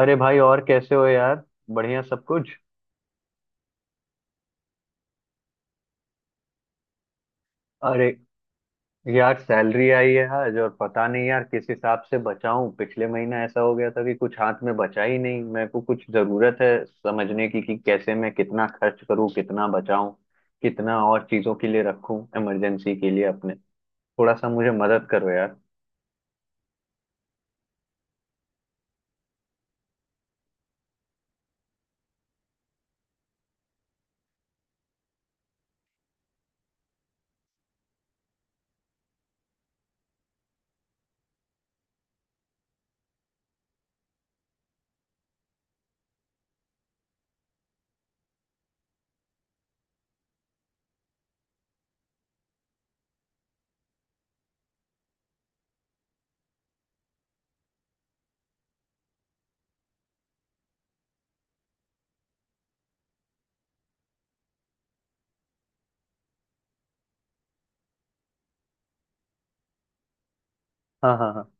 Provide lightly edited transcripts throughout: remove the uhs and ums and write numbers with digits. अरे भाई, और कैसे हो यार? बढ़िया सब कुछ। अरे यार, सैलरी आई है आज, और पता नहीं यार किस हिसाब से बचाऊं। पिछले महीना ऐसा हो गया था कि कुछ हाथ में बचा ही नहीं। मेरे को कुछ जरूरत है समझने की कि कैसे मैं कितना खर्च करूं, कितना बचाऊं, कितना और चीजों के लिए रखूं, इमरजेंसी के लिए अपने। थोड़ा सा मुझे मदद करो यार। हाँ हाँ हाँ।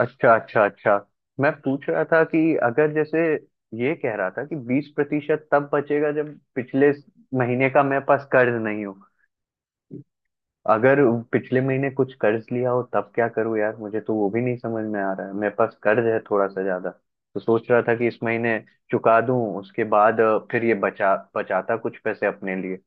अच्छा अच्छा अच्छा। मैं पूछ रहा था कि अगर, जैसे ये कह रहा था कि 20% तब बचेगा जब पिछले महीने का मेरे पास कर्ज नहीं हो। अगर पिछले महीने कुछ कर्ज लिया हो तब क्या करूं यार, मुझे तो वो भी नहीं समझ में आ रहा है। मेरे पास कर्ज है थोड़ा सा ज्यादा, तो सोच रहा था कि इस महीने चुका दूं। उसके बाद फिर ये बचा बचाता कुछ पैसे अपने लिए।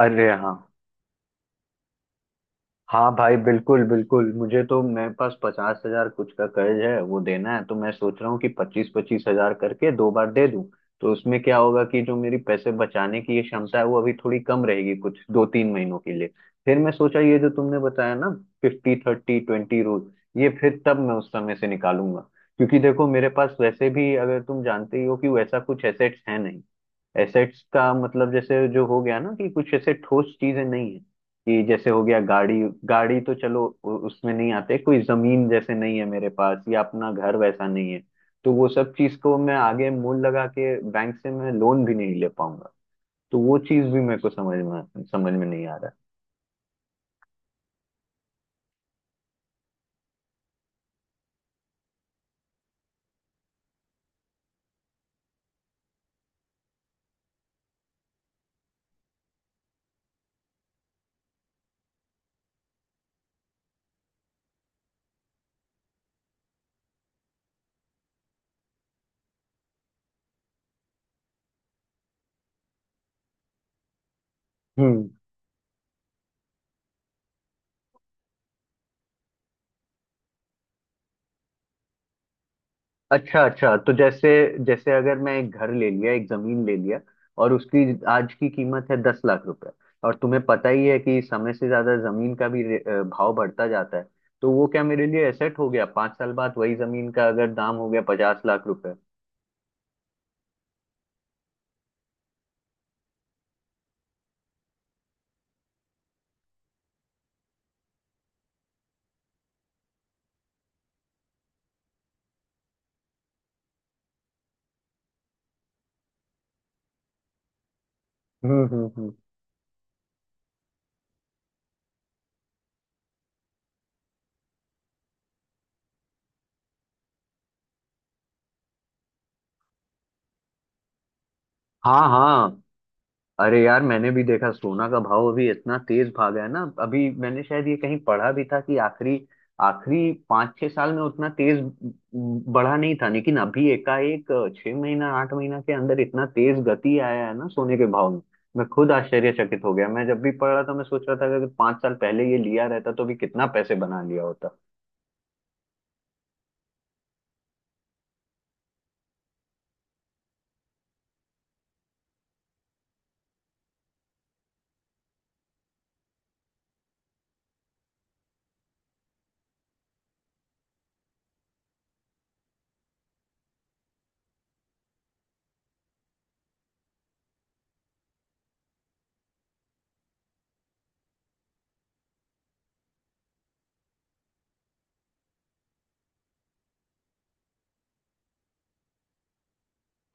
अरे हाँ। हाँ भाई बिल्कुल बिल्कुल, मुझे तो, मेरे पास 50,000 कुछ का कर्ज है, वो देना है तो मैं सोच रहा हूँ कि पच्चीस पच्चीस हजार करके दो बार दे दूं। तो उसमें क्या होगा कि जो मेरी पैसे बचाने की ये क्षमता है वो अभी थोड़ी कम रहेगी कुछ 2-3 महीनों के लिए। फिर मैं सोचा ये जो तुमने बताया ना, 50-30-20 रूल, ये फिर तब मैं उस समय से निकालूंगा। क्योंकि देखो मेरे पास वैसे भी, अगर तुम जानते ही हो, कि वैसा कुछ एसेट्स है नहीं। एसेट्स का मतलब जैसे, जो हो गया ना, कि कुछ ऐसे ठोस चीजें नहीं है, कि जैसे हो गया गाड़ी। गाड़ी तो चलो उसमें नहीं आते। कोई जमीन जैसे नहीं है मेरे पास, या अपना घर वैसा नहीं है। तो वो सब चीज को मैं आगे मूल लगा के बैंक से मैं लोन भी नहीं ले पाऊंगा। तो वो चीज भी मेरे को समझ में नहीं आ रहा। अच्छा अच्छा। तो जैसे, जैसे अगर मैं एक घर ले लिया, एक जमीन ले लिया, और उसकी आज की कीमत है 10 लाख रुपए, और तुम्हें पता ही है कि समय से ज्यादा जमीन का भी भाव बढ़ता जाता है। तो वो क्या मेरे लिए एसेट हो गया? 5 साल बाद वही जमीन का अगर दाम हो गया 50 लाख रुपए। हम्म। हाँ हाँ। अरे यार, मैंने भी देखा, सोना का भाव अभी इतना तेज भागा है ना। अभी मैंने शायद ये कहीं पढ़ा भी था कि आखिरी आखिरी 5-6 साल में उतना तेज बढ़ा नहीं था, लेकिन अभी एकाएक 6 महीना 8 महीना के अंदर इतना तेज गति आया है ना सोने के भाव में। मैं खुद आश्चर्यचकित हो गया। मैं जब भी पढ़ रहा था, मैं सोच रहा था कि अगर 5 साल पहले ये लिया रहता तो भी कितना पैसे बना लिया होता।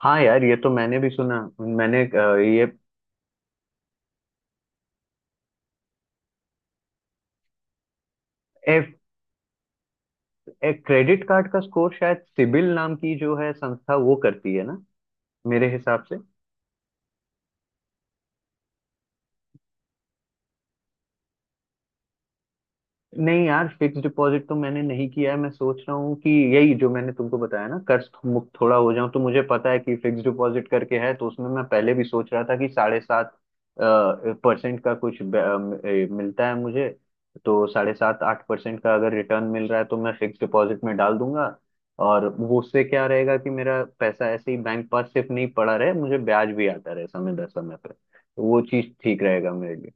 हाँ यार, ये तो मैंने भी सुना। मैंने अ, ये ए, ए, क्रेडिट कार्ड का स्कोर शायद सिबिल नाम की जो है संस्था, वो करती है ना, मेरे हिसाब से। नहीं यार, फिक्स डिपॉजिट तो मैंने नहीं किया है। मैं सोच रहा हूँ कि, यही जो मैंने तुमको बताया ना, कर्ज मुक्त थोड़ा हो जाऊं, तो मुझे पता है कि फिक्स डिपॉजिट करके है, तो उसमें मैं पहले भी सोच रहा था कि 7.5% का कुछ मिलता है मुझे। तो 7.5-8% का अगर रिटर्न मिल रहा है, तो मैं फिक्स डिपॉजिट में डाल दूंगा। और वो उससे क्या रहेगा कि मेरा पैसा ऐसे ही बैंक पास सिर्फ नहीं पड़ा रहे, मुझे ब्याज भी आता रहे समय दर समय पर, तो वो चीज ठीक रहेगा मेरे लिए।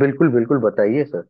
बिल्कुल बिल्कुल, बताइए सर।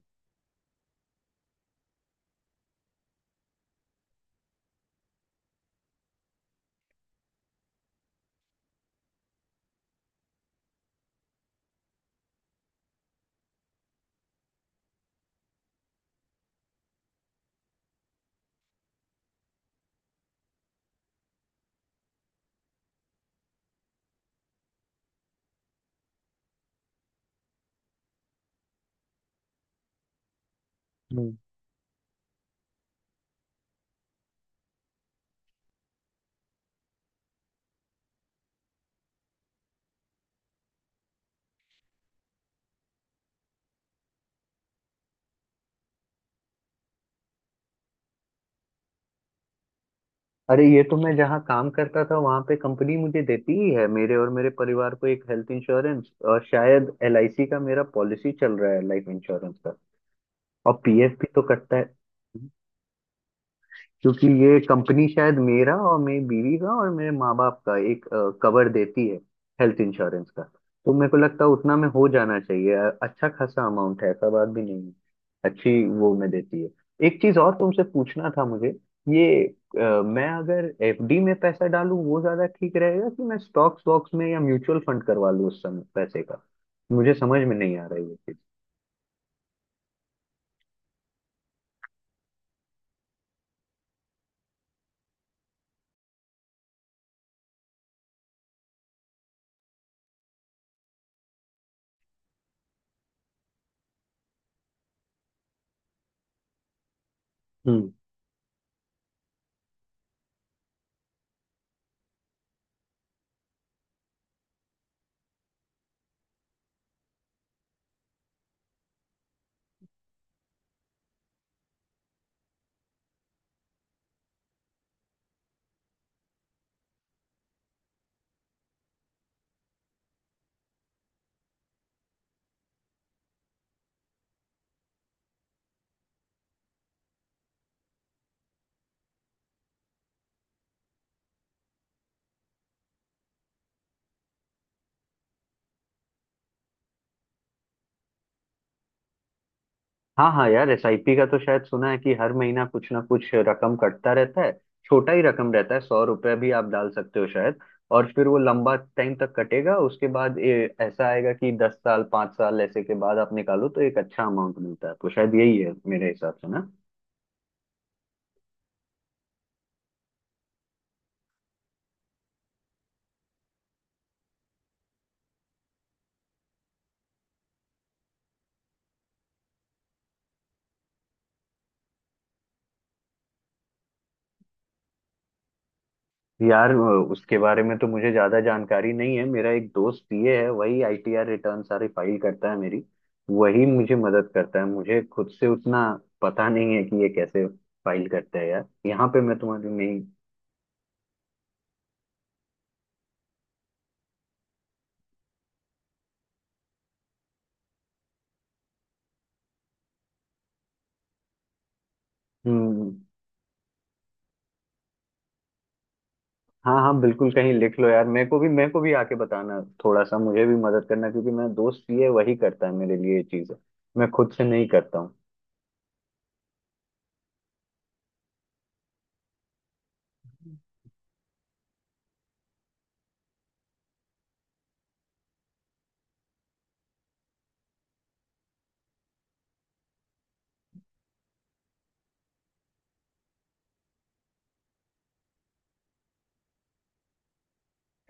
हम्म। अरे ये तो, मैं जहाँ काम करता था वहां पे कंपनी मुझे देती ही है, मेरे और मेरे परिवार को, एक हेल्थ इंश्योरेंस, और शायद एलआईसी का मेरा पॉलिसी चल रहा है, लाइफ इंश्योरेंस का। और पीएफ भी तो कटता है। क्योंकि ये कंपनी शायद मेरा और मेरी बीवी का और मेरे माँ बाप का एक कवर देती है, हेल्थ इंश्योरेंस का। तो मेरे को लगता है उतना में हो जाना चाहिए, अच्छा खासा अमाउंट है, ऐसा बात भी नहीं है, अच्छी वो में देती है। एक चीज और तुमसे पूछना था मुझे। ये मैं अगर एफडी में पैसा डालूं वो ज्यादा ठीक रहेगा, कि मैं स्टॉक्स वॉक्स में या म्यूचुअल फंड करवा लूं उस समय पैसे का? मुझे समझ में नहीं आ रहा है ये चीज। हाँ हाँ यार, एसआईपी का तो शायद सुना है कि हर महीना कुछ ना कुछ रकम कटता रहता है, छोटा ही रकम रहता है, 100 रुपये भी आप डाल सकते हो शायद। और फिर वो लंबा टाइम तक कटेगा, उसके बाद ये ऐसा आएगा कि 10 साल 5 साल ऐसे के बाद आप निकालो तो एक अच्छा अमाउंट मिलता है। तो शायद यही है मेरे हिसाब से ना। यार, उसके बारे में तो मुझे ज्यादा जानकारी नहीं है। मेरा एक दोस्त पीए है, वही आईटीआर रिटर्न सारी फाइल करता है मेरी। वही मुझे मदद करता है। मुझे खुद से उतना पता नहीं है कि ये कैसे फाइल करते हैं यार। यहाँ पे मैं तुम्हारी नहीं। हम्म। हाँ हाँ बिल्कुल, कहीं लिख लो यार। मेरे को भी, मेरे को भी आके बताना, थोड़ा सा मुझे भी मदद करना, क्योंकि मेरा दोस्त पीए वही करता है मेरे लिए ये चीजें, मैं खुद से नहीं करता हूँ।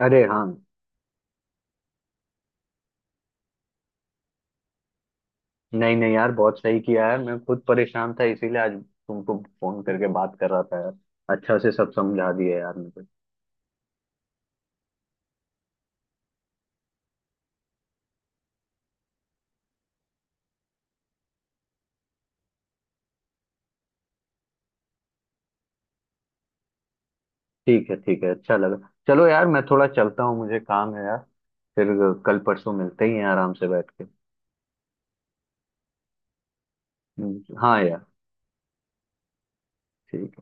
अरे हाँ। नहीं नहीं यार, बहुत सही किया है। मैं खुद परेशान था इसीलिए आज तुमको फोन करके बात कर रहा था यार। अच्छा से सब समझा दिया यार मुझे। ठीक है ठीक है, अच्छा लगा। चलो यार, मैं थोड़ा चलता हूँ, मुझे काम है यार। फिर कल परसों मिलते ही हैं, आराम से बैठ के। हाँ यार। ठीक